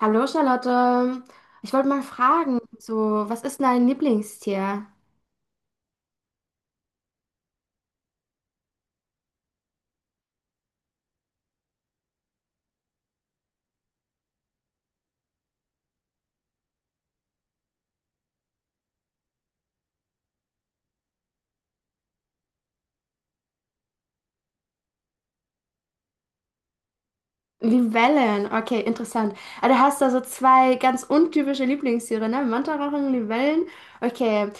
Hallo Charlotte, ich wollte mal fragen, so, was ist dein Lieblingstier? Libellen, okay, interessant. Ah, du hast da so zwei ganz untypische Lieblingstiere, ne? Mantarochen, Libellen. Okay.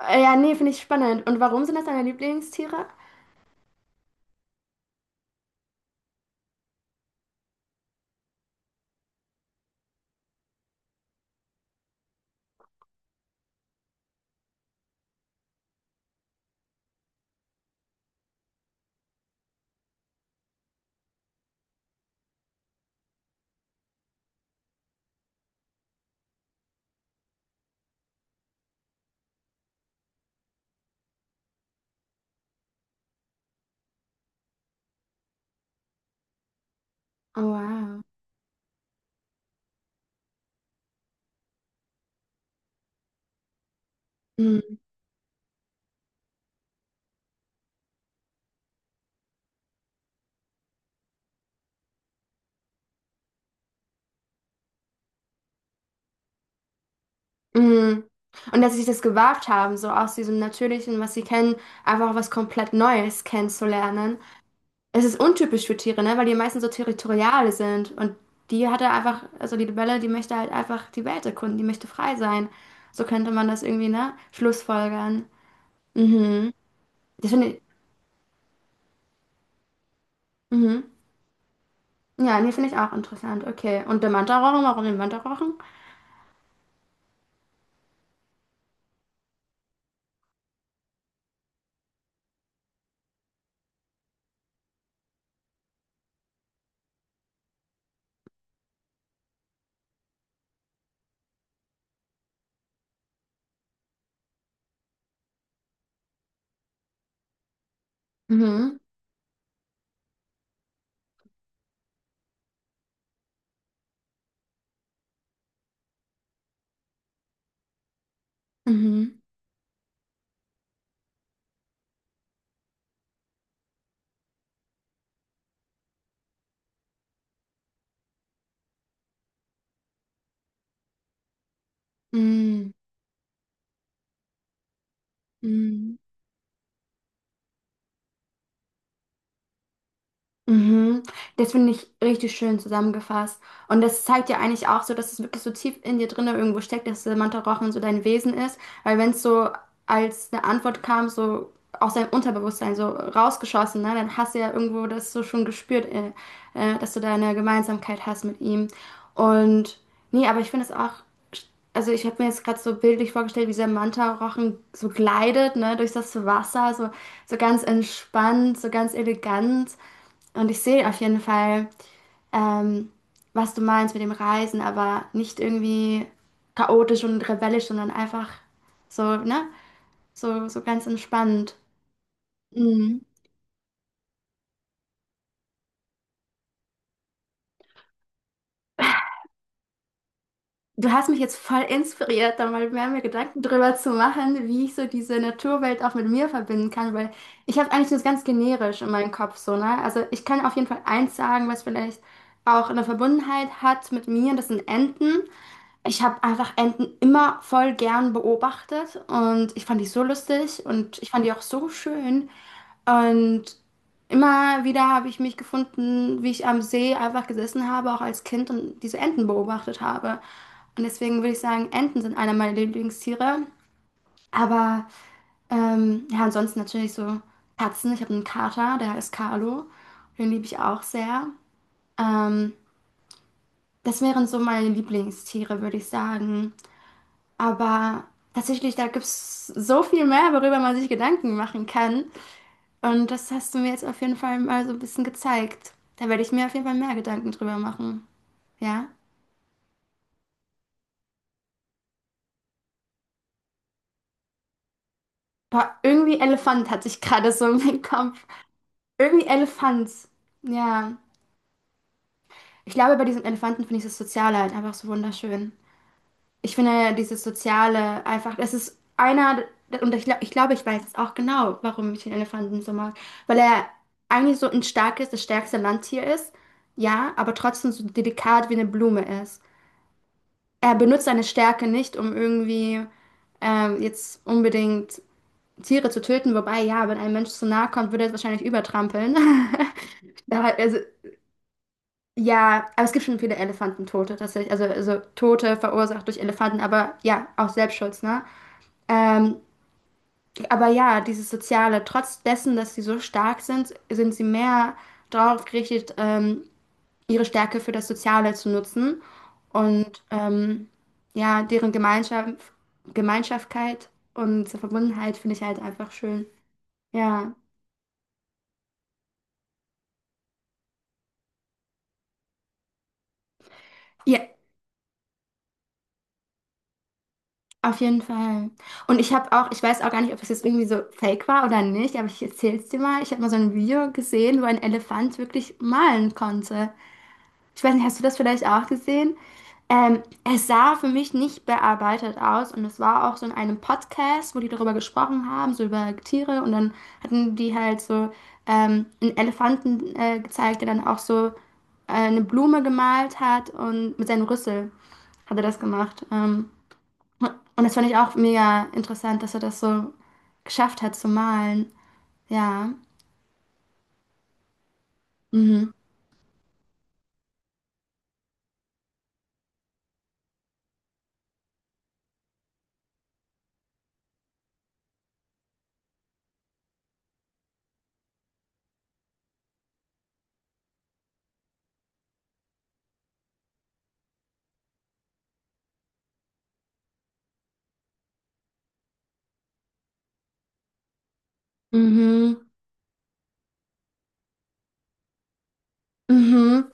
Ja, nee, finde ich spannend. Und warum sind das deine Lieblingstiere? Oh, wow. Mhm. Mhm. Und dass sie sich das gewagt haben, so aus diesem Natürlichen, was sie kennen, einfach was komplett Neues kennenzulernen. Es ist untypisch für Tiere, ne? Weil die meisten so territorial sind. Und die hat er einfach, also die Libelle, die möchte halt einfach die Welt erkunden, die möchte frei sein. So könnte man das irgendwie, ne, schlussfolgern. Mhm. Das finde ich. Mhm. Ja, nee, finde ich auch interessant. Okay. Und der Mantarochen, warum den Mantarochen? Mhm. Mhm. Mhm. Mhm. Mhm. Das finde ich richtig schön zusammengefasst. Und das zeigt ja eigentlich auch so, dass es wirklich so tief in dir drinne irgendwo steckt, dass der Mantra Rochen so dein Wesen ist. Weil wenn es so als eine Antwort kam, so aus deinem Unterbewusstsein so rausgeschossen, ne, dann hast du ja irgendwo das so schon gespürt, dass du da eine Gemeinsamkeit hast mit ihm. Und nee, aber ich finde es auch, also ich habe mir jetzt gerade so bildlich vorgestellt, wie dieser Manta-Rochen so gleitet, ne, durch das Wasser, so, so ganz entspannt, so ganz elegant. Und ich sehe auf jeden Fall, ähm, was du meinst mit dem Reisen, aber nicht irgendwie chaotisch und rebellisch, sondern einfach so, ne? So, so ganz entspannt. Mhm. Du hast mich jetzt voll inspiriert, da mal mehr mir Gedanken drüber zu machen, wie ich so diese Naturwelt auch mit mir verbinden kann, weil ich habe eigentlich das ganz generisch in meinem Kopf so, ne? Also ich kann auf jeden Fall eins sagen, was vielleicht auch eine Verbundenheit hat mit mir, das sind Enten. Ich habe einfach Enten immer voll gern beobachtet und ich fand die so lustig und ich fand die auch so schön. Und immer wieder habe ich mich gefunden, wie ich am See einfach gesessen habe, auch als Kind und diese Enten beobachtet habe. Und deswegen würde ich sagen, Enten sind einer meiner Lieblingstiere. Aber ja, ansonsten natürlich so Katzen. Ich habe einen Kater, der heißt Carlo. Den liebe ich auch sehr. Ähm, Das wären so meine Lieblingstiere, würde ich sagen. Aber tatsächlich, da gibt es so viel mehr, worüber man sich Gedanken machen kann. Und das hast du mir jetzt auf jeden Fall mal so ein bisschen gezeigt. Da werde ich mir auf jeden Fall mehr Gedanken drüber machen. Ja? Boah, irgendwie Elefant hatte ich gerade so im Kopf. Irgendwie Elefant. Ja. Ich glaube, bei diesem Elefanten finde ich das Soziale halt einfach so wunderschön. Ich finde ja dieses Soziale einfach, das ist einer, und ich glaube, ich weiß jetzt auch genau, warum ich den Elefanten so mag. Weil er eigentlich so ein starkes, das stärkste Landtier ist, ja, aber trotzdem so delikat wie eine Blume ist. Er benutzt seine Stärke nicht, um irgendwie jetzt unbedingt Tiere zu töten, wobei, ja, wenn ein Mensch zu nahe kommt, würde er es wahrscheinlich übertrampeln. Da, also, ja, aber es gibt schon viele Elefantentote tatsächlich, also Tote verursacht durch Elefanten, aber ja, auch Selbstschutz, ne? Ähm, aber ja, dieses Soziale, trotz dessen, dass sie so stark sind, sind sie mehr darauf gerichtet, ihre Stärke für das Soziale zu nutzen und ja, deren Gemeinschaft, Gemeinschaftkeit und Verbundenheit finde ich halt einfach schön. Ja, ja, auf jeden Fall. Und ich habe auch, ich weiß auch gar nicht, ob es jetzt irgendwie so fake war oder nicht, aber ich erzähl's dir mal. Ich habe mal so ein Video gesehen, wo ein Elefant wirklich malen konnte. Ich weiß nicht, hast du das vielleicht auch gesehen? Es sah für mich nicht bearbeitet aus und es war auch so in einem Podcast, wo die darüber gesprochen haben, so über Tiere und dann hatten die halt so einen Elefanten gezeigt, der dann auch so eine Blume gemalt hat und mit seinem Rüssel hat er das gemacht. Und das fand ich auch mega interessant, dass er das so geschafft hat zu malen. Ja. Mhm. Mhm. Mhm.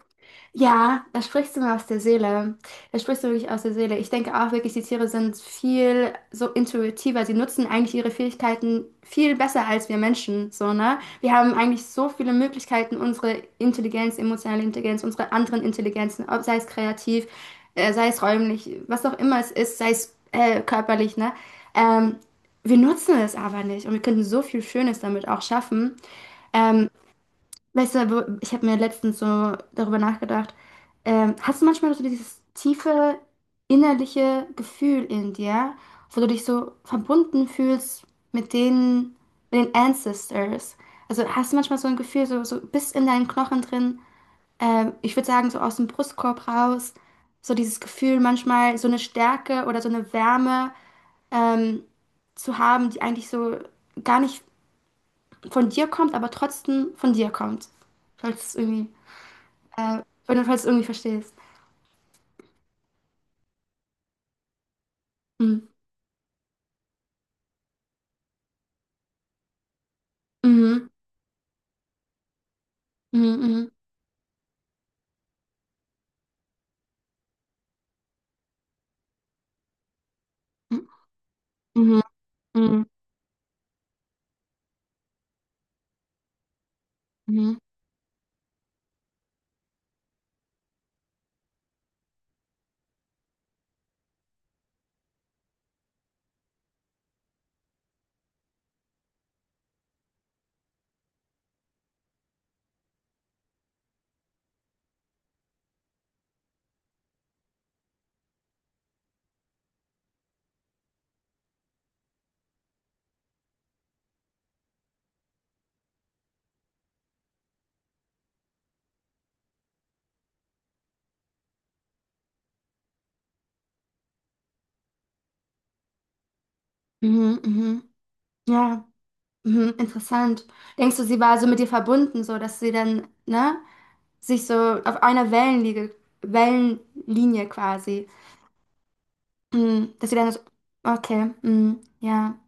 Ja, da sprichst du mir aus der Seele. Da sprichst du wirklich aus der Seele. Ich denke auch wirklich, die Tiere sind viel so intuitiver. Sie nutzen eigentlich ihre Fähigkeiten viel besser als wir Menschen, so, ne? Wir haben eigentlich so viele Möglichkeiten, unsere Intelligenz, emotionale Intelligenz, unsere anderen Intelligenzen, ob sei es kreativ, sei es räumlich, was auch immer es ist, sei es körperlich, ne? Ähm, Wir nutzen es aber nicht und wir könnten so viel Schönes damit auch schaffen. Ähm, Ich habe mir letztens so darüber nachgedacht. Hast du manchmal so dieses tiefe innerliche Gefühl in dir, wo du dich so verbunden fühlst mit mit den Ancestors? Also hast du manchmal so ein Gefühl, so, so bis in deinen Knochen drin, ich würde sagen, so aus dem Brustkorb raus, so dieses Gefühl, manchmal so eine Stärke oder so eine Wärme ähm, zu haben, die eigentlich so gar nicht von dir kommt, aber trotzdem von dir kommt. Falls es irgendwie. Äh, Wenn du es irgendwie verstehst. Mhm. Mhm. Mhm. Mhm. Mhm. Mhm. Mhm. Mhm. Mhm. Ja, mhm. Interessant. Denkst du, sie war so mit dir verbunden, so dass sie dann, ne, sich so auf einer Wellenlinie, Wellenlinie quasi, mhm, dass sie dann so, okay, mhm. Ja,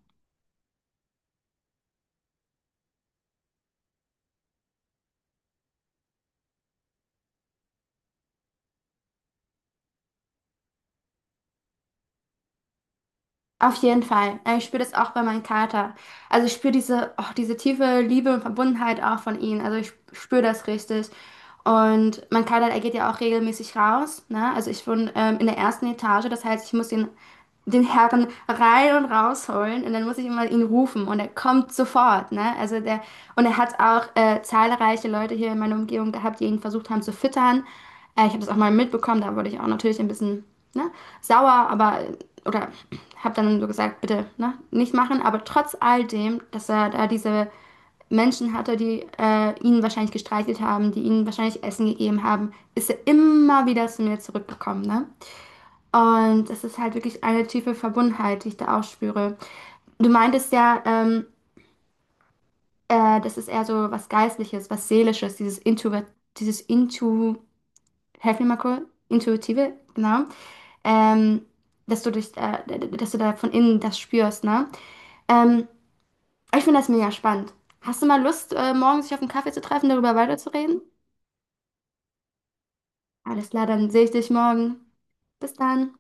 auf jeden Fall. Ja, ich spüre das auch bei meinem Kater. Also ich spüre diese, oh, diese tiefe Liebe und Verbundenheit auch von ihm. Also ich spüre das richtig. Und mein Kader, er geht ja auch regelmäßig raus. Ne? Also ich wohne in der ersten Etage, das heißt, ich muss den Herren rein und rausholen und dann muss ich immer ihn rufen und er kommt sofort. Ne? Also der, und er hat auch zahlreiche Leute hier in meiner Umgebung gehabt, die ihn versucht haben zu füttern. Ich habe das auch mal mitbekommen, da wurde ich auch natürlich ein bisschen, ne, sauer, aber oder habe dann so gesagt, bitte ne, nicht machen. Aber trotz all dem, dass er da diese Menschen hatte, die ihn wahrscheinlich gestreichelt haben, die ihnen wahrscheinlich Essen gegeben haben, ist er immer wieder zu mir zurückgekommen. Ne? Und das ist halt wirklich eine tiefe Verbundenheit, die ich da auch spüre. Du meintest ja, das ist eher so was Geistliches, was Seelisches, dieses Intu, helf mir mal kurz, intuitive, genau. Ähm, Dass du dich, dass du da von innen das spürst, ne? Ähm, Ich finde das mega spannend. Hast du mal Lust, morgen sich auf einen Kaffee zu treffen, darüber weiterzureden? Alles klar, dann sehe ich dich morgen. Bis dann.